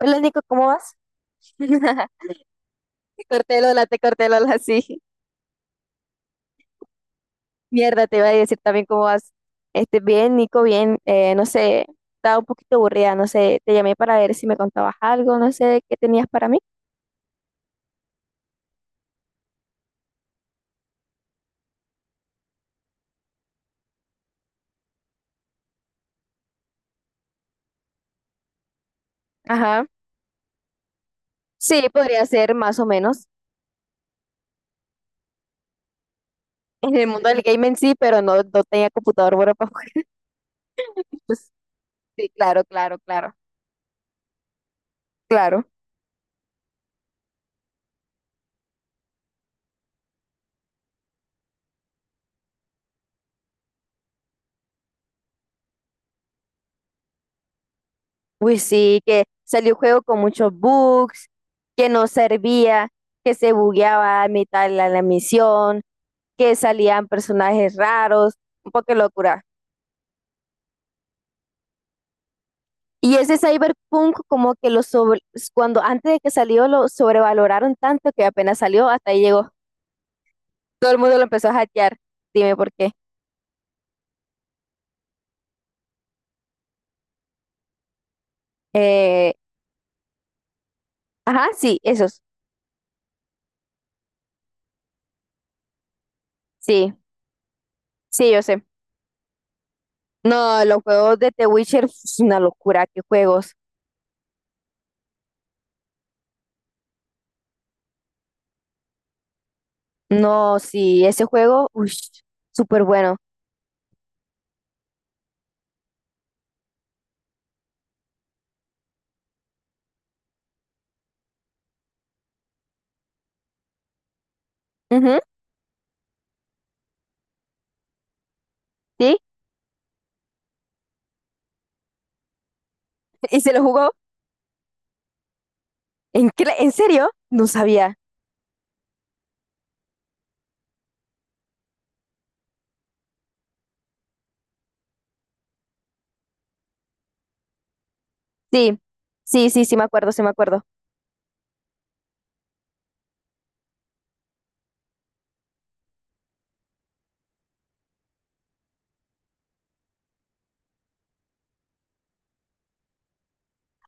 Hola Nico, ¿cómo vas? Te corté el hola, te corté el hola, sí. Mierda, te iba a decir también cómo vas. Este, bien, Nico, bien. No sé, estaba un poquito aburrida, no sé, te llamé para ver si me contabas algo, no sé, qué tenías para mí. Ajá. Sí, podría ser más o menos en el mundo del game en sí, pero no tenía computador bueno para jugar. Pues, sí, claro, claro, claro, claro. Uy, sí, que salió un juego con muchos bugs, que no servía, que se bugueaba a mitad de la misión. Que salían personajes raros, un poco de locura. Y ese cyberpunk como que cuando antes de que salió lo sobrevaloraron tanto que apenas salió hasta ahí llegó. Todo el mundo lo empezó a hackear. Dime por qué. Eh, ajá, sí, esos. Sí, sí, yo sé. No, los juegos de The Witcher es una locura, qué juegos. No, sí, ese juego, uy, súper bueno. Ujú, sí, y se lo jugó. ¿En serio? No sabía. Sí, sí, sí, sí me acuerdo, sí me acuerdo.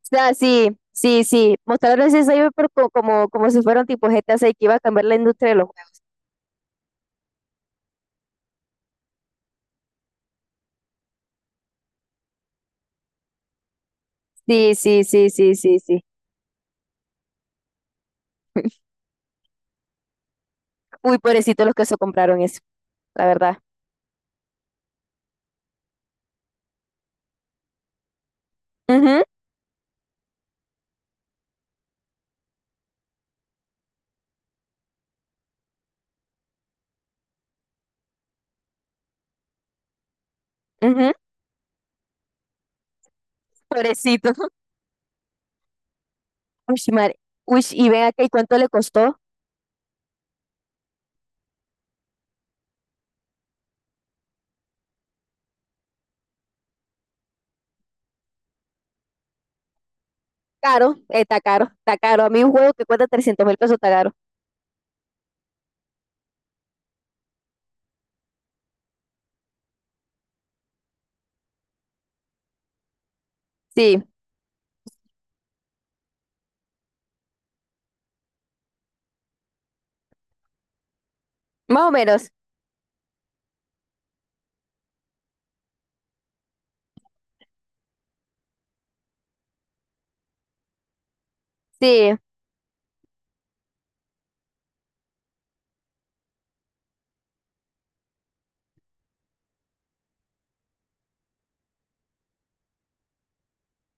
Sea, sí, sí, sí. Mostraron ese cyber, pero como, si fuera un tipo GTA 6 que iba a cambiar la industria de los juegos. Sí, sí, sí, sí, sí, sí. Uy, pobrecitos los que se compraron eso, la verdad. Ujú, ujú, pobrecito. Uy, madre. Uy, y ven acá, ¿y cuánto le costó? Caro, está caro, está caro. A mí un juego que cuesta 300.000 pesos está caro. Sí, más o menos. Sí.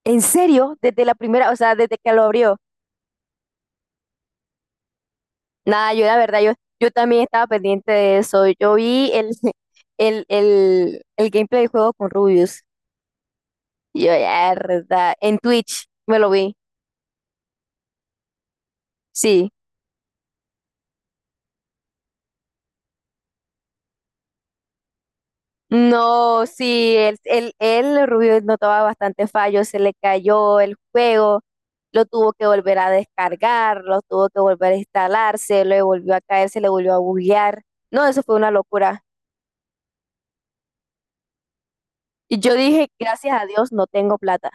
¿En serio? Desde la primera, o sea, desde que lo abrió. Nada, yo la verdad, yo también estaba pendiente de eso. Yo vi el gameplay de juego con Rubius. Y yo, ya, verdad. En Twitch me lo vi. Sí. No, sí, el Rubius notaba bastante fallos, se le cayó el juego, lo tuvo que volver a descargar, lo tuvo que volver a instalar, se le volvió a caer, se le volvió a buguear. No, eso fue una locura. Y yo dije, gracias a Dios, no tengo plata.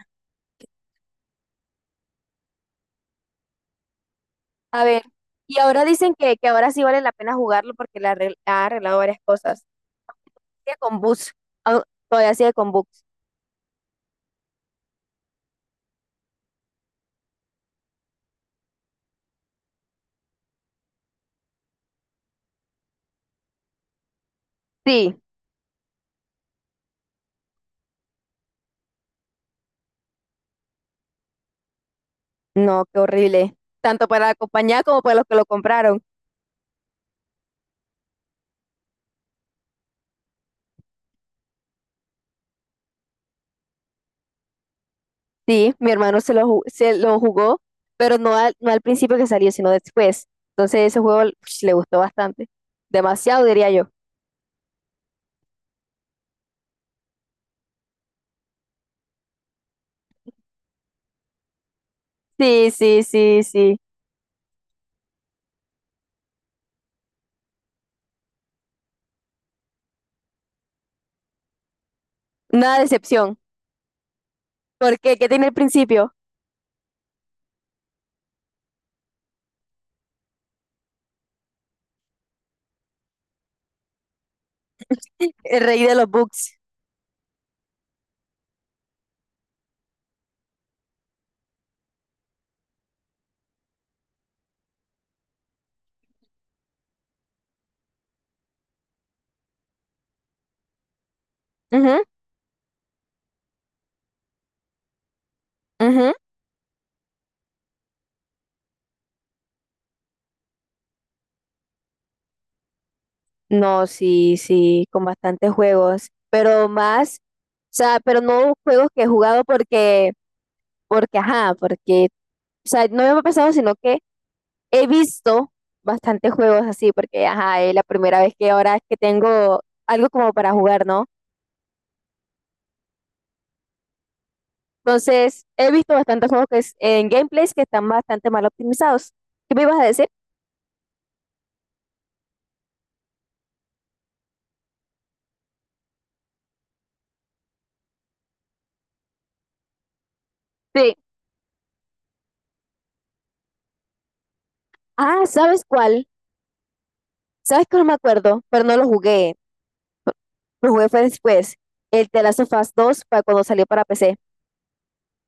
A ver, y ahora dicen que, ahora sí vale la pena jugarlo porque ha arreglado varias cosas. Sigue con bugs. Au- Todavía sigue con bugs. Sí. No, qué horrible. Tanto para la compañía como para los que lo compraron. Sí, mi hermano se lo jugó, pero no al principio que salió, sino después. Entonces ese juego ush, le gustó bastante. Demasiado, diría yo. Sí, sí, sí, sí. Una decepción. Porque, ¿Qué tiene el principio? El rey de los bugs. Ujú, ujú. No, sí, sí, con bastantes juegos, pero más, o sea, pero no juegos que he jugado porque, ajá, porque, o sea, no me ha pasado, sino que he visto bastantes juegos así, porque, ajá, es la primera vez que ahora es que tengo algo como para jugar, ¿no? Entonces, he visto bastantes juegos que es, en gameplays que están bastante mal optimizados. ¿Qué me ibas a decir? Sí. Ah, ¿sabes cuál? ¿Sabes que no me acuerdo? Pero no lo jugué, lo jugué fue después, el The Last of Us 2 para cuando salió para P C.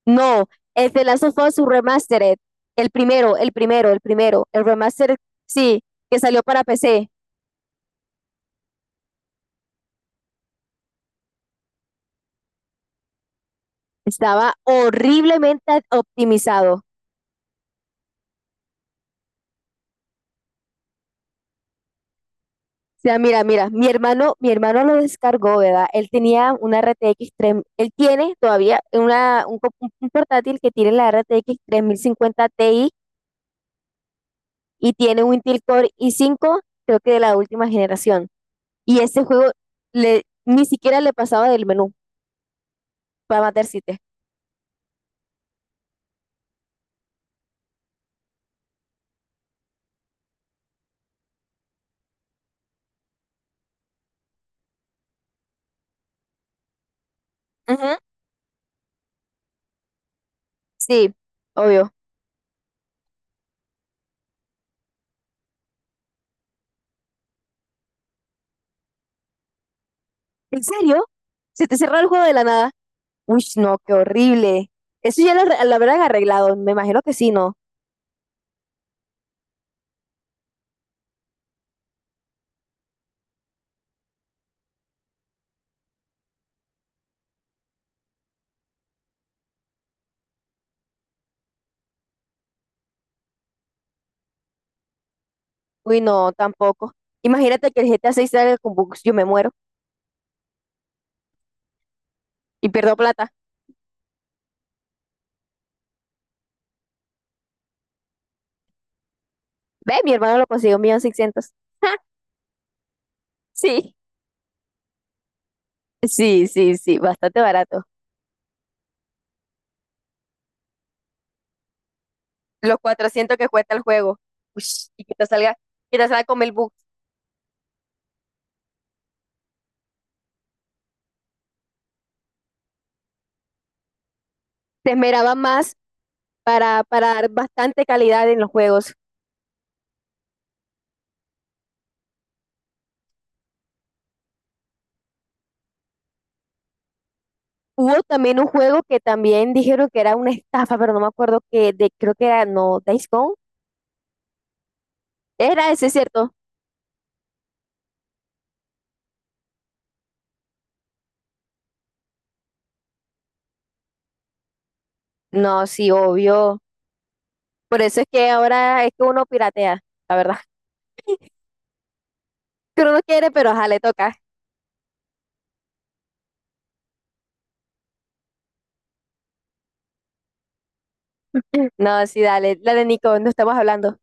No, el de Last of Us Remastered. El primero, el primero, el primero. El remastered, sí, que salió para PC. Estaba horriblemente optimizado. O sea, mira, mira, mi hermano lo descargó, ¿verdad? Él tenía una RTX 3, él tiene todavía un un portátil que tiene la RTX 50 Ti y tiene un Intel Core i5, creo que de la última generación. Y ese juego le, ni siquiera le pasaba del menú para matar siete. Sí, obvio. ¿En serio? ¿Se te cerró el juego de la nada? Uy, no, qué horrible. Eso ya lo habrán arreglado, me imagino que sí, ¿no? Uy, no, tampoco. Imagínate que el GTA 6 salga con bugs, yo me muero y pierdo plata. Ve, mi hermano lo consiguió 1.600.000. Ja, sí, sí, sí, sí, bastante barato. Los 400 que cuesta el juego. Uy, y que te salga con el bug. Se esmeraba más para dar bastante calidad en los juegos. Hubo también un juego que también dijeron que era una estafa, pero no me acuerdo que de, creo que era, no, Days Gone. Era ese, ¿cierto? No, sí, obvio. Por eso es que ahora es que uno piratea, la verdad. Que uno no quiere, pero ajá, le toca. No, sí, dale. La de Nico, no estamos hablando.